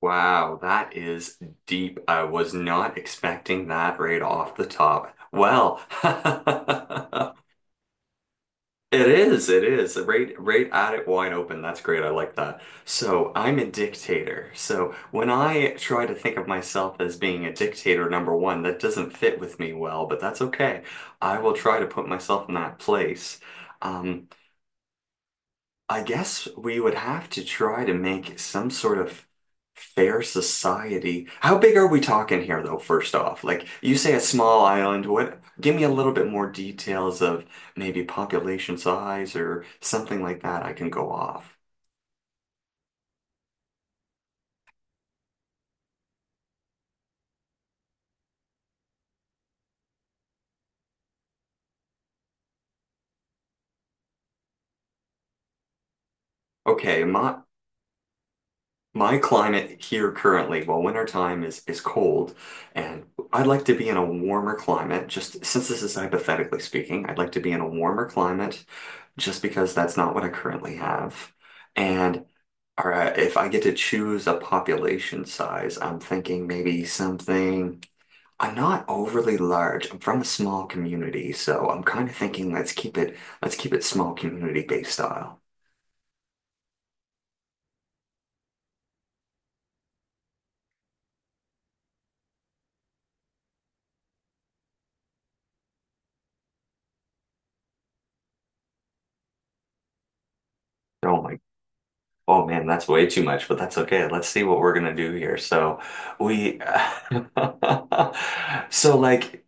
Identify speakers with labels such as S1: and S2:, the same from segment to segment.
S1: Wow, that is deep. I was not expecting that right off the top. Well, it is. Right, right at it wide open. That's great. I like that. So I'm a dictator. So when I try to think of myself as being a dictator, number one, that doesn't fit with me well, but that's okay. I will try to put myself in that place. Um, I guess we would have to try to make some sort of fair society. How big are we talking here, though, first off? Like, you say a small island. What? Give me a little bit more details of maybe population size or something like that I can go off. Okay, my climate here currently, well, winter time is cold, and I'd like to be in a warmer climate, just since this is hypothetically speaking, I'd like to be in a warmer climate, just because that's not what I currently have. And all right, if I get to choose a population size, I'm thinking maybe something. I'm not overly large. I'm from a small community, so I'm kind of thinking let's keep it small community-based style. Oh my. Oh man, that's way too much, but that's okay. Let's see what we're gonna do here. So we, so like,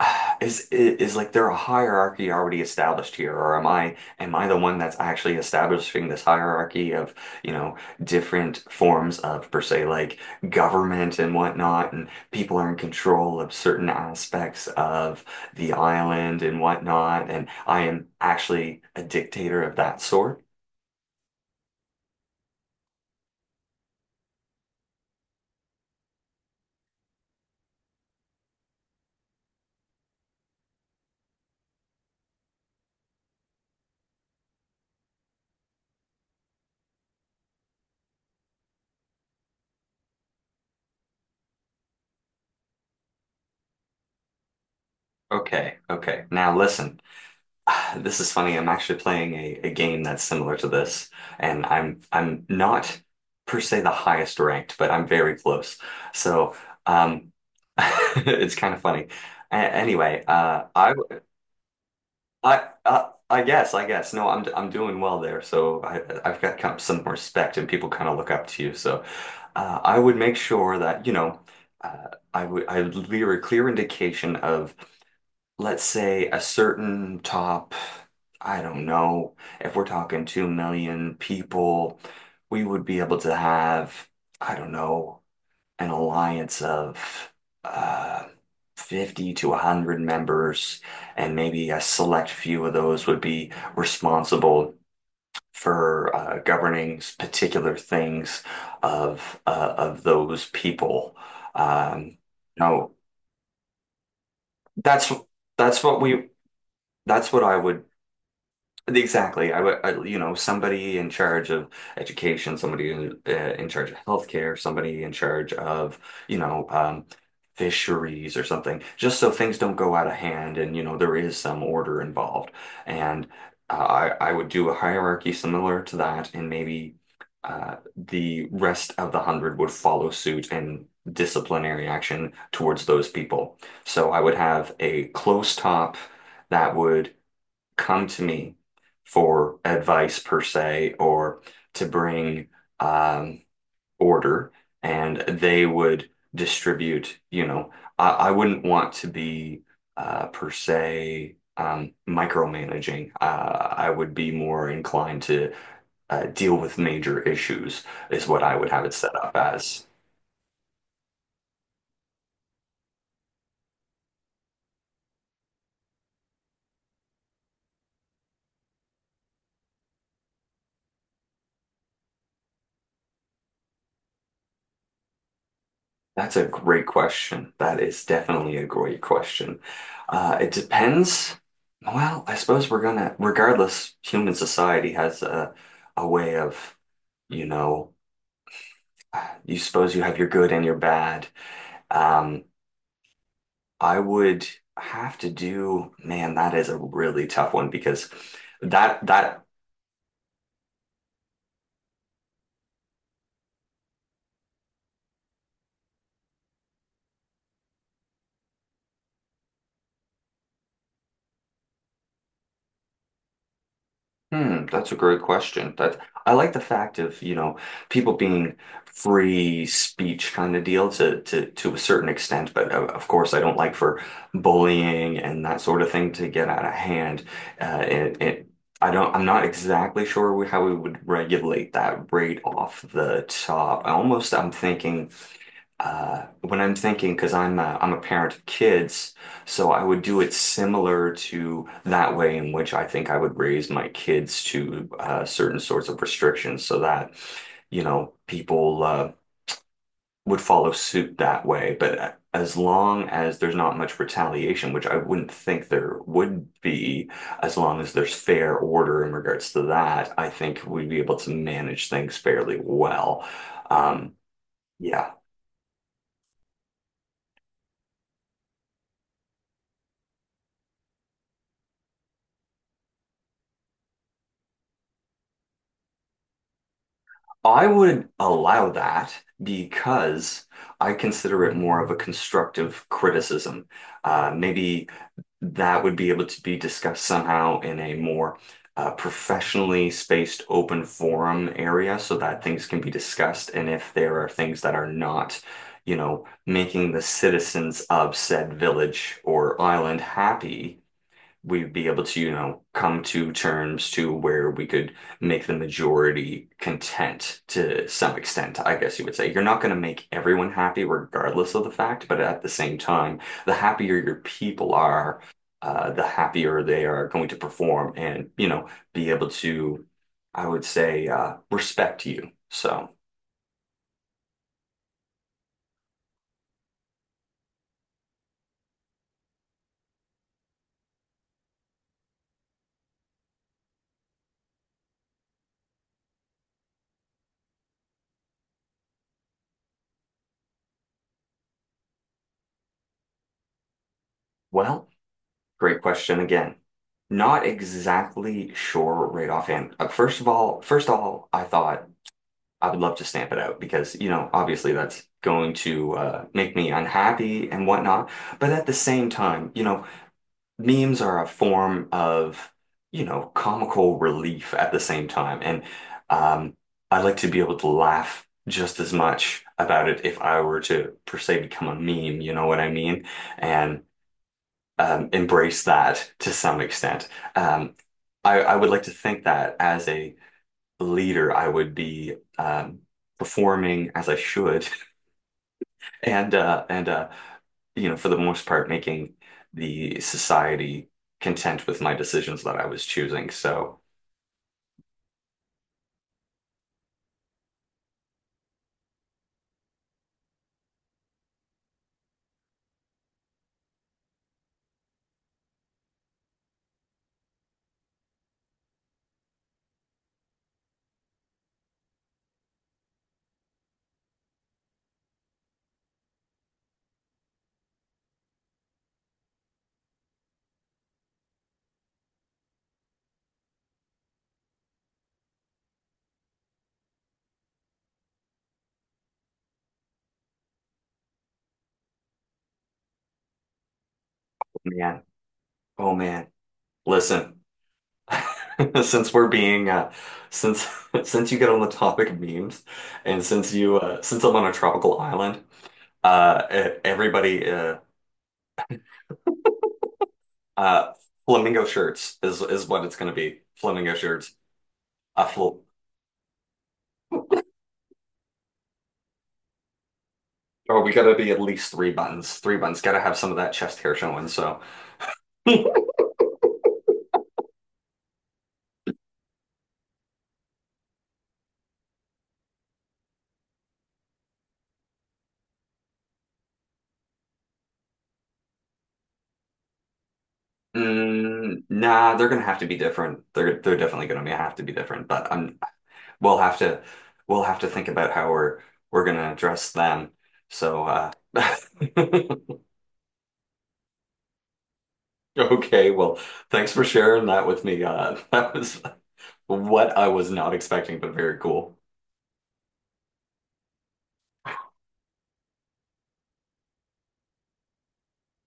S1: is like there a hierarchy already established here, or am I the one that's actually establishing this hierarchy of, you know, different forms of per se like government and whatnot, and people are in control of certain aspects of the island and whatnot, and I am actually a dictator of that sort? Okay, okay. Now listen. This is funny. I'm actually playing a game that's similar to this, and I'm not per se the highest ranked, but I'm very close. So um, it's kind of funny. A anyway, uh, I I guess no, I'm doing well there. So I've got kind of some respect, and people kind of look up to you. So I would make sure that you know I would leave a clear indication of, let's say, a certain top, I don't know, if we're talking 2 million people, we would be able to have, I don't know, an alliance of uh, 50 to 100 members, and maybe a select few of those would be responsible for governing particular things of those people. Um, no, that's that's what we that's what I would. Exactly. I would, I, you know, somebody in charge of education, somebody in charge of healthcare, somebody in charge of, you know, fisheries or something, just so things don't go out of hand and, you know, there is some order involved. And I would do a hierarchy similar to that, and maybe the rest of the hundred would follow suit and disciplinary action towards those people. So I would have a close top that would come to me for advice per se or to bring um, order, and they would distribute, you know, I wouldn't want to be per se micromanaging. I would be more inclined to deal with major issues is what I would have it set up as. That's a great question. That is definitely a great question. It depends. Well, I suppose we're gonna, regardless, human society has a way of, you know, you suppose you have your good and your bad. Um, I would have to do, man, that is a really tough one because that. Hmm, that's a great question. That, I like the fact of, you know, people being free speech kind of deal to to a certain extent, but of course I don't like for bullying and that sort of thing to get out of hand. It I don't, I'm not exactly sure how we would regulate that right off the top. I almost, I'm thinking, when I'm thinking, because I'm a parent of kids, so I would do it similar to that way in which I think I would raise my kids to certain sorts of restrictions, so that you know people would follow suit that way. But as long as there's not much retaliation, which I wouldn't think there would be, as long as there's fair order in regards to that, I think we'd be able to manage things fairly well. Um, yeah. I would allow that because I consider it more of a constructive criticism. Maybe that would be able to be discussed somehow in a more professionally spaced open forum area so that things can be discussed. And if there are things that are not, you know, making the citizens of said village or island happy, we'd be able to, you know, come to terms to where we could make the majority content to some extent, I guess you would say. You're not going to make everyone happy regardless of the fact, but at the same time, the happier your people are, the happier they are going to perform and, you know, be able to, I would say, respect you. So, well, great question again. Not exactly sure right offhand. First of all, I thought I would love to stamp it out because, you know, obviously that's going to make me unhappy and whatnot. But at the same time, you know, memes are a form of, you know, comical relief at the same time. And um, I like to be able to laugh just as much about it if I were to, per se, become a meme, you know what I mean? And embrace that to some extent. Um, I would like to think that as a leader, I would be performing as I should, and you know, for the most part, making the society content with my decisions that I was choosing. So, man, oh man, listen. Since we're being since since you get on the topic of memes, and since you since I'm on a tropical island, e- everybody Uh, flamingo shirts is what it's gonna be. Flamingo shirts. Fl oh, we gotta be at least 3 buttons. 3 buttons. Gotta have some of that chest hair showing. So, mm, nah, they're gonna have to be different. They're definitely gonna be, have to be different. But we'll have to we'll have to think about how we're gonna address them. So, okay. Well, thanks for sharing that with me. That was what I was not expecting, but very cool.